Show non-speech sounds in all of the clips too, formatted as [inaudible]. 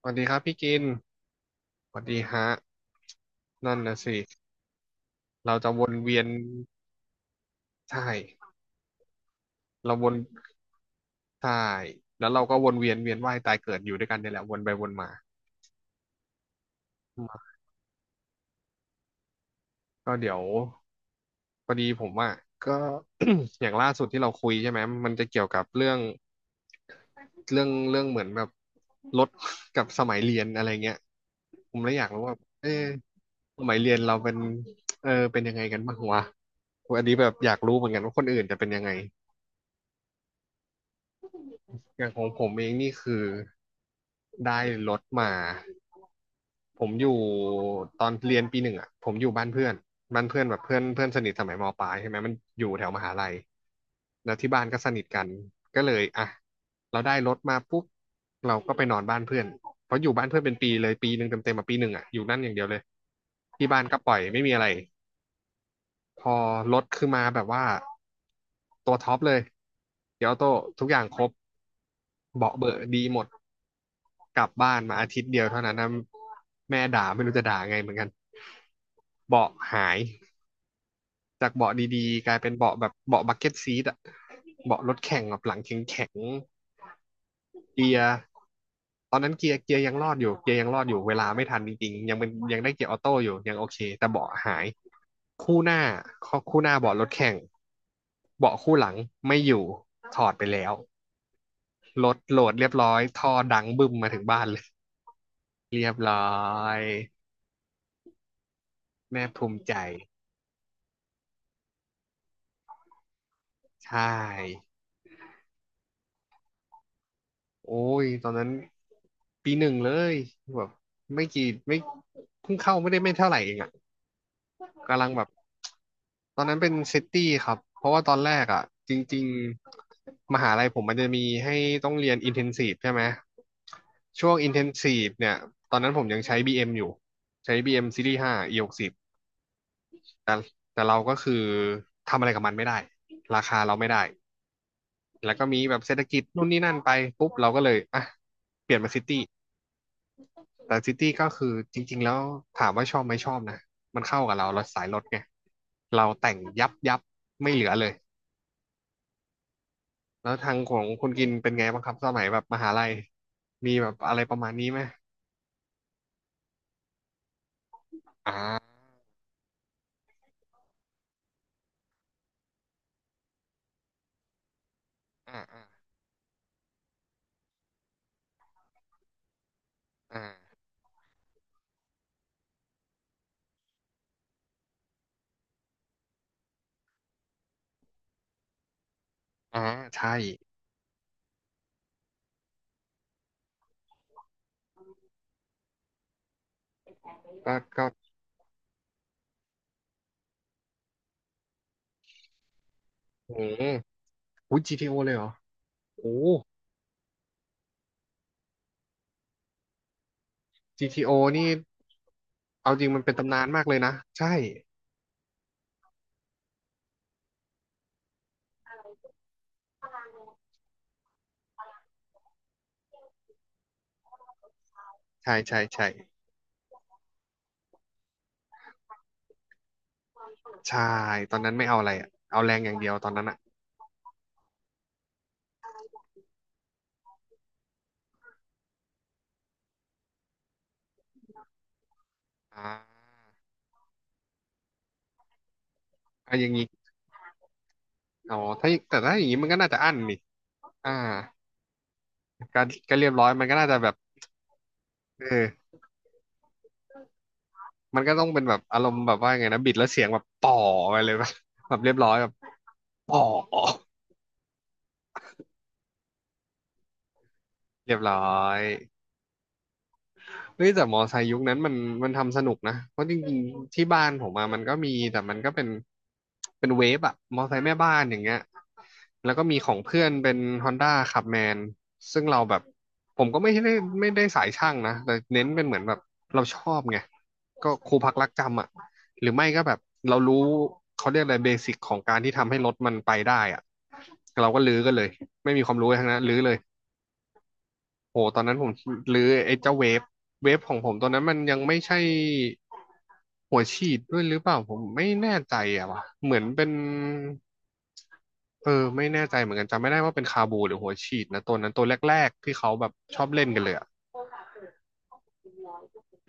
สวัสดีครับพี่กินสวัสดีฮะนั่นนะสิเราจะวนเวียนใช่เราวนใช่แล้วเราก็วนเวียนเวียนว่ายตายเกิดอยู่ด้วยกันเนี่ยแหละวนไปวนมาก็เดี๋ยวพอดีผมอ่ะก็ [coughs] [clears throat] อย่างล่าสุดที่เราคุยใช่ไหมมันจะเกี่ยวกับเรื่องเรื่องเหมือนแบบรถ [laughs] กับสมัยเรียนอะไรเงี้ยผมเลยอยากรู้ว่าเอะสมัยเรียนเราเป็นเออเป็นยังไงกันบ้างวะอันนี้แบบอยากรู้เหมือนกันว่าคนอื่นจะเป็นยังไง อย่างของผมเองนี่คือได้รถมาผมอยู่ตอนเรียนปีหนึ่งอ่ะผมอยู่บ้านเพื่อนบ้านเพื่อนแบบเพื่อนเพื่อนสนิทสมัยมปลายใช่ไหมมันอยู่แถวมหาลัยแล้วที่บ้านก็สนิทกันก็เลยอ่ะเราได้รถมาปุ๊บเราก็ไปนอนบ้านเพื่อนเพราะอยู่บ้านเพื่อนเป็นปีเลยปีหนึ่งเต็มๆมาปีหนึ่งอ่ะอยู่นั่นอย่างเดียวเลยที่บ้านก็ปล่อยไม่มีอะไร พอรถคือมาแบบว่าตัวท็อปเลยเดี๋ยวโต้ทุกอย่างครบเบาะเบอะดีหมด กลับบ้านมาอาทิตย์เดียวเท่านั้นนะแม่ด่าไม่รู้จะด่าไงเหมือนกัน เบาะหายจากเบาะดีๆกลายเป็นเบาะแบบเบาะบักเก็ตซีทอะเบาะรถแข่งแบบหลังแข็งๆเกียร์ตอนนั้นเกียร์ยังรอดอยู่เกียร์ยังรอดอยู่เวลาไม่ทันจริงๆยังเป็นยังได้เกียร์ออโต้อยู่ยังโอเคแต่เบาะหาย คู่หน้าคู่หน้าเบาะรถแข่งเบาะคู่หลังไม่อยู่ถอดไปแล้วรถโหลดเรียบร้อยท่อดังบึ้มมาถึงบ้านเลยเรียบร้อยแม่ภูมิใจใช่โอ้ยตอนนั้นปีหนึ่งเลยแบบไม่กี่ไม่เพิ่งเข้าไม่ได้ไม่เท่าไหร่เองอะ กำลังแบบตอนนั้นเป็นซิตี้ครับเพราะว่าตอนแรกอ่ะจริงๆมหาลัยผมมันจะมีให้ต้องเรียนอินเทนซีฟใช่ไหมช่วงอินเทนซีฟเนี่ยตอนนั้นผมยังใช้ BM อมอยู่ใช้ BM Series 5 E 60แต่แต่เราก็คือทำอะไรกับมันไม่ได้ราคาเราไม่ได้แล้วก็มีแบบเศรษฐกิจนู่นนี่นั่นไปปุ๊บเราก็เลยอ่ะเปลี่ยนมาซิตี้ แต่ซิตี้ก็คือจริงๆแล้วถามว่าชอบไหมชอบนะมันเข้ากับเราเราสายรถไงเราแต่งยับยับไม่เหลือเลยแล้วทางของคุณกินเป็นไงบ้างครับสมัยแบบมหาลัยมีแบบอะไรประมาณนี้ไหมอ่าอ่าอ่าอ่าอ่าใช่ก็ก็อืมอุ้ยจีทีโอเลยเหรอโอ้จีทีโอนี่เอาจริงมันเป็นตำนานมากเลยนะใช่ใช่ใช่ใช่ใช่ตอนนั้นไม่เอาอะไรอะเอาแรงอย่างเดียวตอนนั้นอะอ่าอ่ะอย่างนี้ อ๋อถ้าแต่ถ้าอย่างนี้มันก็น่าจะอั้นนี่อ่าการการเรียบร้อยมันก็น่าจะแบบเออ มันก็ต้องเป็นแบบอารมณ์แบบว่าไงนะบิดแล้วเสียงแบบป่อไปเลยปะแบบเรียบร้อยแบบป่อเรียบร้อย เฮ้ยแต่มอไซค์ยุคนั้นมันมันทำสนุกนะเพราะจริงๆที่บ้านผมมามันก็มีแต่มันก็เป็นเป็นเวฟอะมอไซค์แม่บ้านอย่างเงี้ยแล้วก็มีของเพื่อนเป็น Honda ขับแมนซึ่งเราแบบผมก็ไม่ได้ไม่ได้สายช่างนะแต่เน้นเป็นเหมือนแบบเราชอบไงก็ครูพักรักจำอ่ะหรือไม่ก็แบบเรารู้เขาเรียกอะไรเบสิกของการที่ทำให้รถมันไปได้อ่ะเราก็ลื้อกันเลยไม่มีความรู้อะไรทั้งนั้นลื้อเลย โอ้ตอนนั้นผมหรือไอ้เจ้าเวฟเวฟของผมตอนนั้นมันยังไม่ใช่หัวฉีดด้วยหรือเปล่าผมไม่แน่ใจอะว่ะเหมือนเป็นเออไม่แน่ใจเหมือนกันจำไม่ได้ว่าเป็นคาบูหรือหัวฉีดนะตัวนั้นตัวแรกๆที่เขาแบบชอบเล่นกันเลยอะ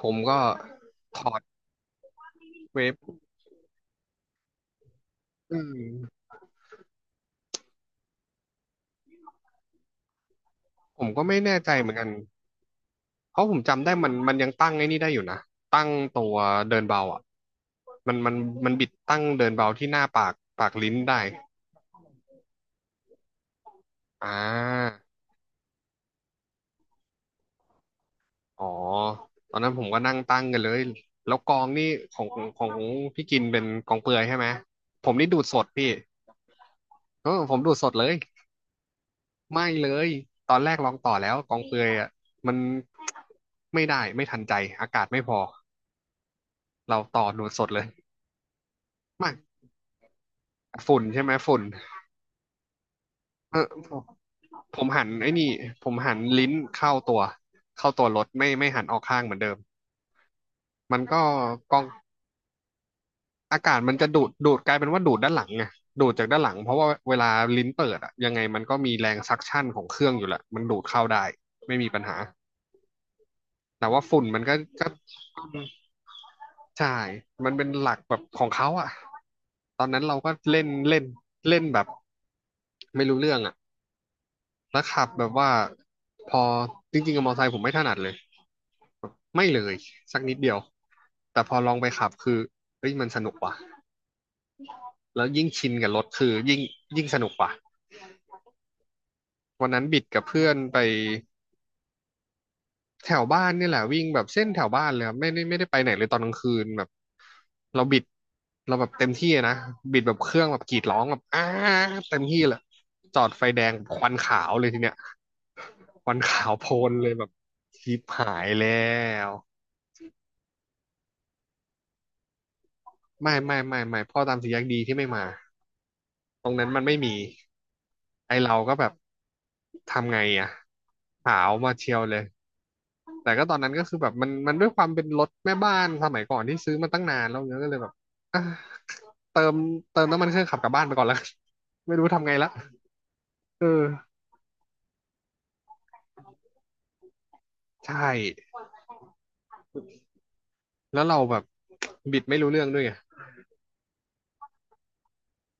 ผมก็ถอดเวฟอืมผมก็ไม่แน่ใจเหมือนกันเพราะผมจำได้มันยังตั้งไอ้นี่ได้อยู่นะตั้งตัวเดินเบาอ่ะมันมันมันบิดตั้งเดินเบาที่หน้าปากปากลิ้นได้อ่า อ๋อตอนนั้นผมก็นั่งตั้งกันเลยแล้วกองนี่ของของพี่กินเป็นกองเปลือยใช่ไหมผมนี่ดูดสดพี่เออผมดูดสดเลยไม่เลยตอนแรกลองต่อแล้วกองเปลือยอ่ะมันไม่ได้ไม่ทันใจอากาศไม่พอเราต่อดูดสดเลยไม่ฝุ่นใช่ไหมฝุ่นเออผมหันไอ้นี่ผมหันลิ้นเข้าตัวเข้าตัวรถไม่หันออกข้างเหมือนเดิมมันก็กอง อากาศมันจะดูดกลายเป็นว่าดูดด้านหลังไงดูดจากด้านหลังเพราะว่าเวลาลิ้นเปิดอะยังไงมันก็มีแรงซักชั่นของเครื่องอยู่แหละ มันดูดเข้าได้ ไม่มีปัญหา แต่ว่าฝุ่นมันก็ก็ใช่มันเป็นหลักแบบของเขาอะ ตอนนั้นเราก็เล่น เล่นเล่นแบบไม่รู้เรื่องอะ แล้วขับแบบว่าพอจริงๆกับมอเตอร์ไซค์ผมไม่ถนัดเลยไม่เลยสักนิดเดียวแต่พอลองไปขับคือเฮ้ยมันสนุกว่ะแล้วยิ่งชินกับรถคือยิ่งสนุกว่ะ วันนั้นบิดกับเพื่อนไปแถวบ้านเนี่ยแหละวิ่งแบบเส้นแถวบ้านเลยครับไม่ได้ไปไหนเลยตอนกลางคืนแบบเราบิดเราแบบเต็มที่อะนะบิดแบบเครื่องแบบกรีดร้องแบบอ้าเต็มที่เลยจอดไฟแดงควันขาวเลยทีเนี้ยควันขาวโพลนเลยแบบชิบหายแล้วไม่พ่อตามสีแยกดีที่ไม่มาตรงนั้นมันไม่มีไอเราก็แบบทำไงอะขาวมาเชียวเลย แต่ก็ตอนนั้นก็คือแบบมันด้วยความเป็นรถแม่บ้านสมัยก่อนที่ซื้อมาตั้งนานแล้วเนี้ยก็เลยแบบอ่ะเติมเติมน้ำมันเครื่องขับกลับบ้านไปก่อนแล้วกัน [laughs] ไม่รู้ทำไงละเออใช่แล้วเราแบบบิดไม่รู้เรื่องด้วยไง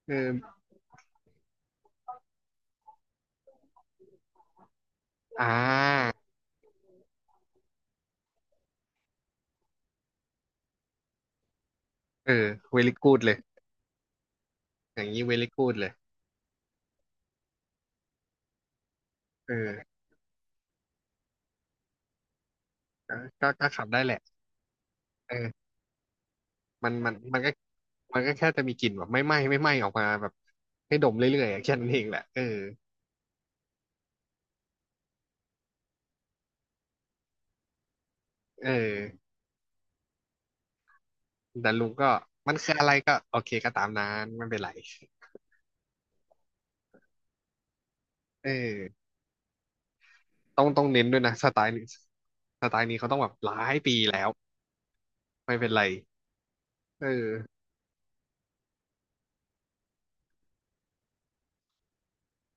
เอออ่าเออเวลิกูดเลยอย่างนี้เวลิกูดเลยเออก็ก็ขับได้แหละเออมันก็มันก็แค่จะมีกลิ่นแบบไม่ไหม้ออกมาแบบให้ดมเรื่อยๆอะแค่นั้นเองแหละเออเออ แต่ลุงก็มันคืออะไรก็โอเคก็ตามนั้นไม่เป็นไรเออต้องเน้นด้วยนะสไตล์นี้สไตล์นี้เขาต้องแบบหลายปีแล้วไม่เป็นไรเออ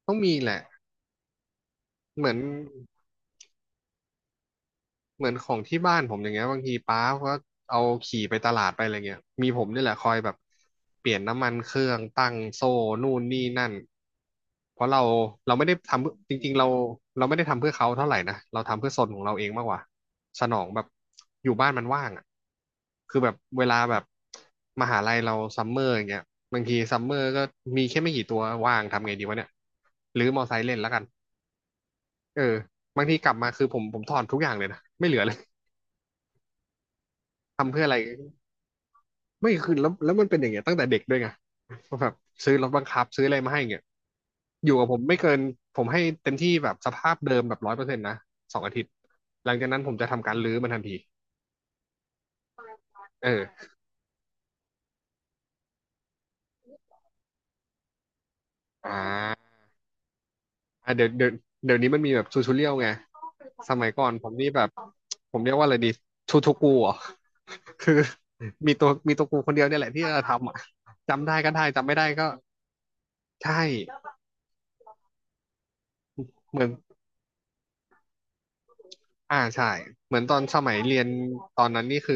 ต้องมีแหละเหมือน ของที่บ้านผมอย่างเงี้ยบางทีป้าก็เอาขี่ไปตลาดไปอะไรเงี้ยมีผมนี่แหละคอยแบบเปลี่ยนน้ำมันเครื่องตั้งโซ่นู่นนี่นั่นเพราะเราเราไม่ได้ทำเพื่อจริงๆเราเราไม่ได้ทำเพื่อเขาเท่าไหร่นะเราทำเพื่อซนของเราเองมากกว่าสนองแบบอยู่บ้านมันว่างอ่ะคือแบบเวลาแบบมหาลัยเราซัมเมอร์อย่างเงี้ยบางทีซัมเมอร์ก็มีแค่ไม่กี่ตัวว่างทำไงดีวะเนี่ยหรือมอไซค์เล่นแล้วกันเออบางทีกลับมาคือผมถอนทุกอย่างเลยนะไม่เหลือเลย ไม่คือแล้วมันเป็นอย่างเงี้ยตั้งแต่เด็กด้วยไงแบบซื้อรถบังคับซื้ออะไรมาให้เงี้ยอยู่กับผมไม่เกินผมให้เต็มที่แบบสภาพเดิมแบบร้อยเปอร์เซ็นต์นะสองอาทิตย์หลังจากนั้นผมจะทำการรื้อมันทันทีเอออ่าอ่ะเดี๋ยวเดี๋ยวนี้มันมีแบบทูทูเรียลไงสมัยก่อนผมนี่แบบผมเรียกว่าอะไรดีทูทูกูเหรอคือมีตัวกูคนเดียวเนี่ยแหละที่จะทำอ่ะจำได้ก็ได้จำไม่ได้ก็ใช่เหมือน อ่าใช่เหมือนตอนสมัยเรียนตอนนั้นนี่คือ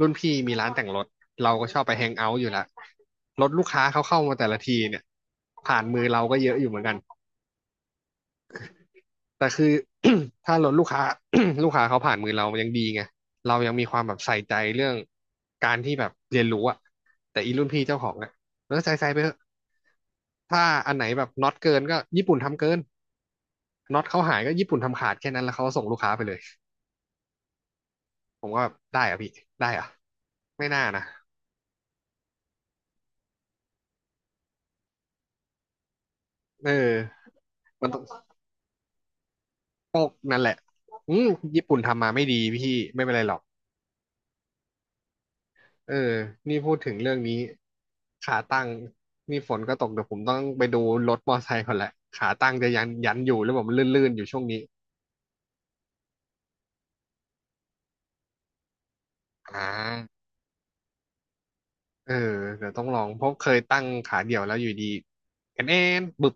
รุ่นพี่มีร้านแต่งรถเราก็ชอบไปแฮงเอาท์อยู่ละรถลูกค้าเขาเข้ามาแต่ละทีเนี่ยผ่านมือเราก็เยอะอยู่เหมือนกันแต่คือ [coughs] ถ้ารถลูกค้า [coughs] ลูกค้าเขาผ่านมือเรายังดีไงเรายังมีความแบบใส่ใจเรื่องการที่แบบเรียนรู้อะแต่อีรุ่นพี่เจ้าของเนี่ยแล้วใส่ไปเถอะถ้าอันไหนแบบน็อตเกินก็ญี่ปุ่นทำเกินน็อตเขาหายก็ญี่ปุ่นทำขาดแค่นั้นแล้วเขาก็ส่งลูกค้าไปเลย ผมก็แบบได้เหรอะพี่ได้เหรอะไม่น่านะเออมันต้องตกนั่นแหละอืมญี่ปุ่นทำมาไม่ดีพี่ไม่เป็นไรหรอกเออนี่พูดถึงเรื่องนี้ขาตั้งนี่ฝนก็ตกเดี๋ยวผมต้องไปดูรถมอไซค์ก่อนแหละขาตั้งจะยันอยู่หรือเปล่มันลื่นๆอยู่ช่วงนี้อ่าเออเดี๋ยวต้องลองเพราะเคยตั้งขาเดี่ยวแล้วอยู่ดีกันเอนบึบ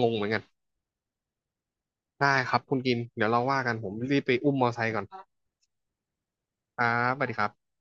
งงเหมือนกันได้ครับคุณกินเดี๋ยวเราว่ากันผมรีบไปอุ้มมอไซค์ก่อนครับสวัสดีครับ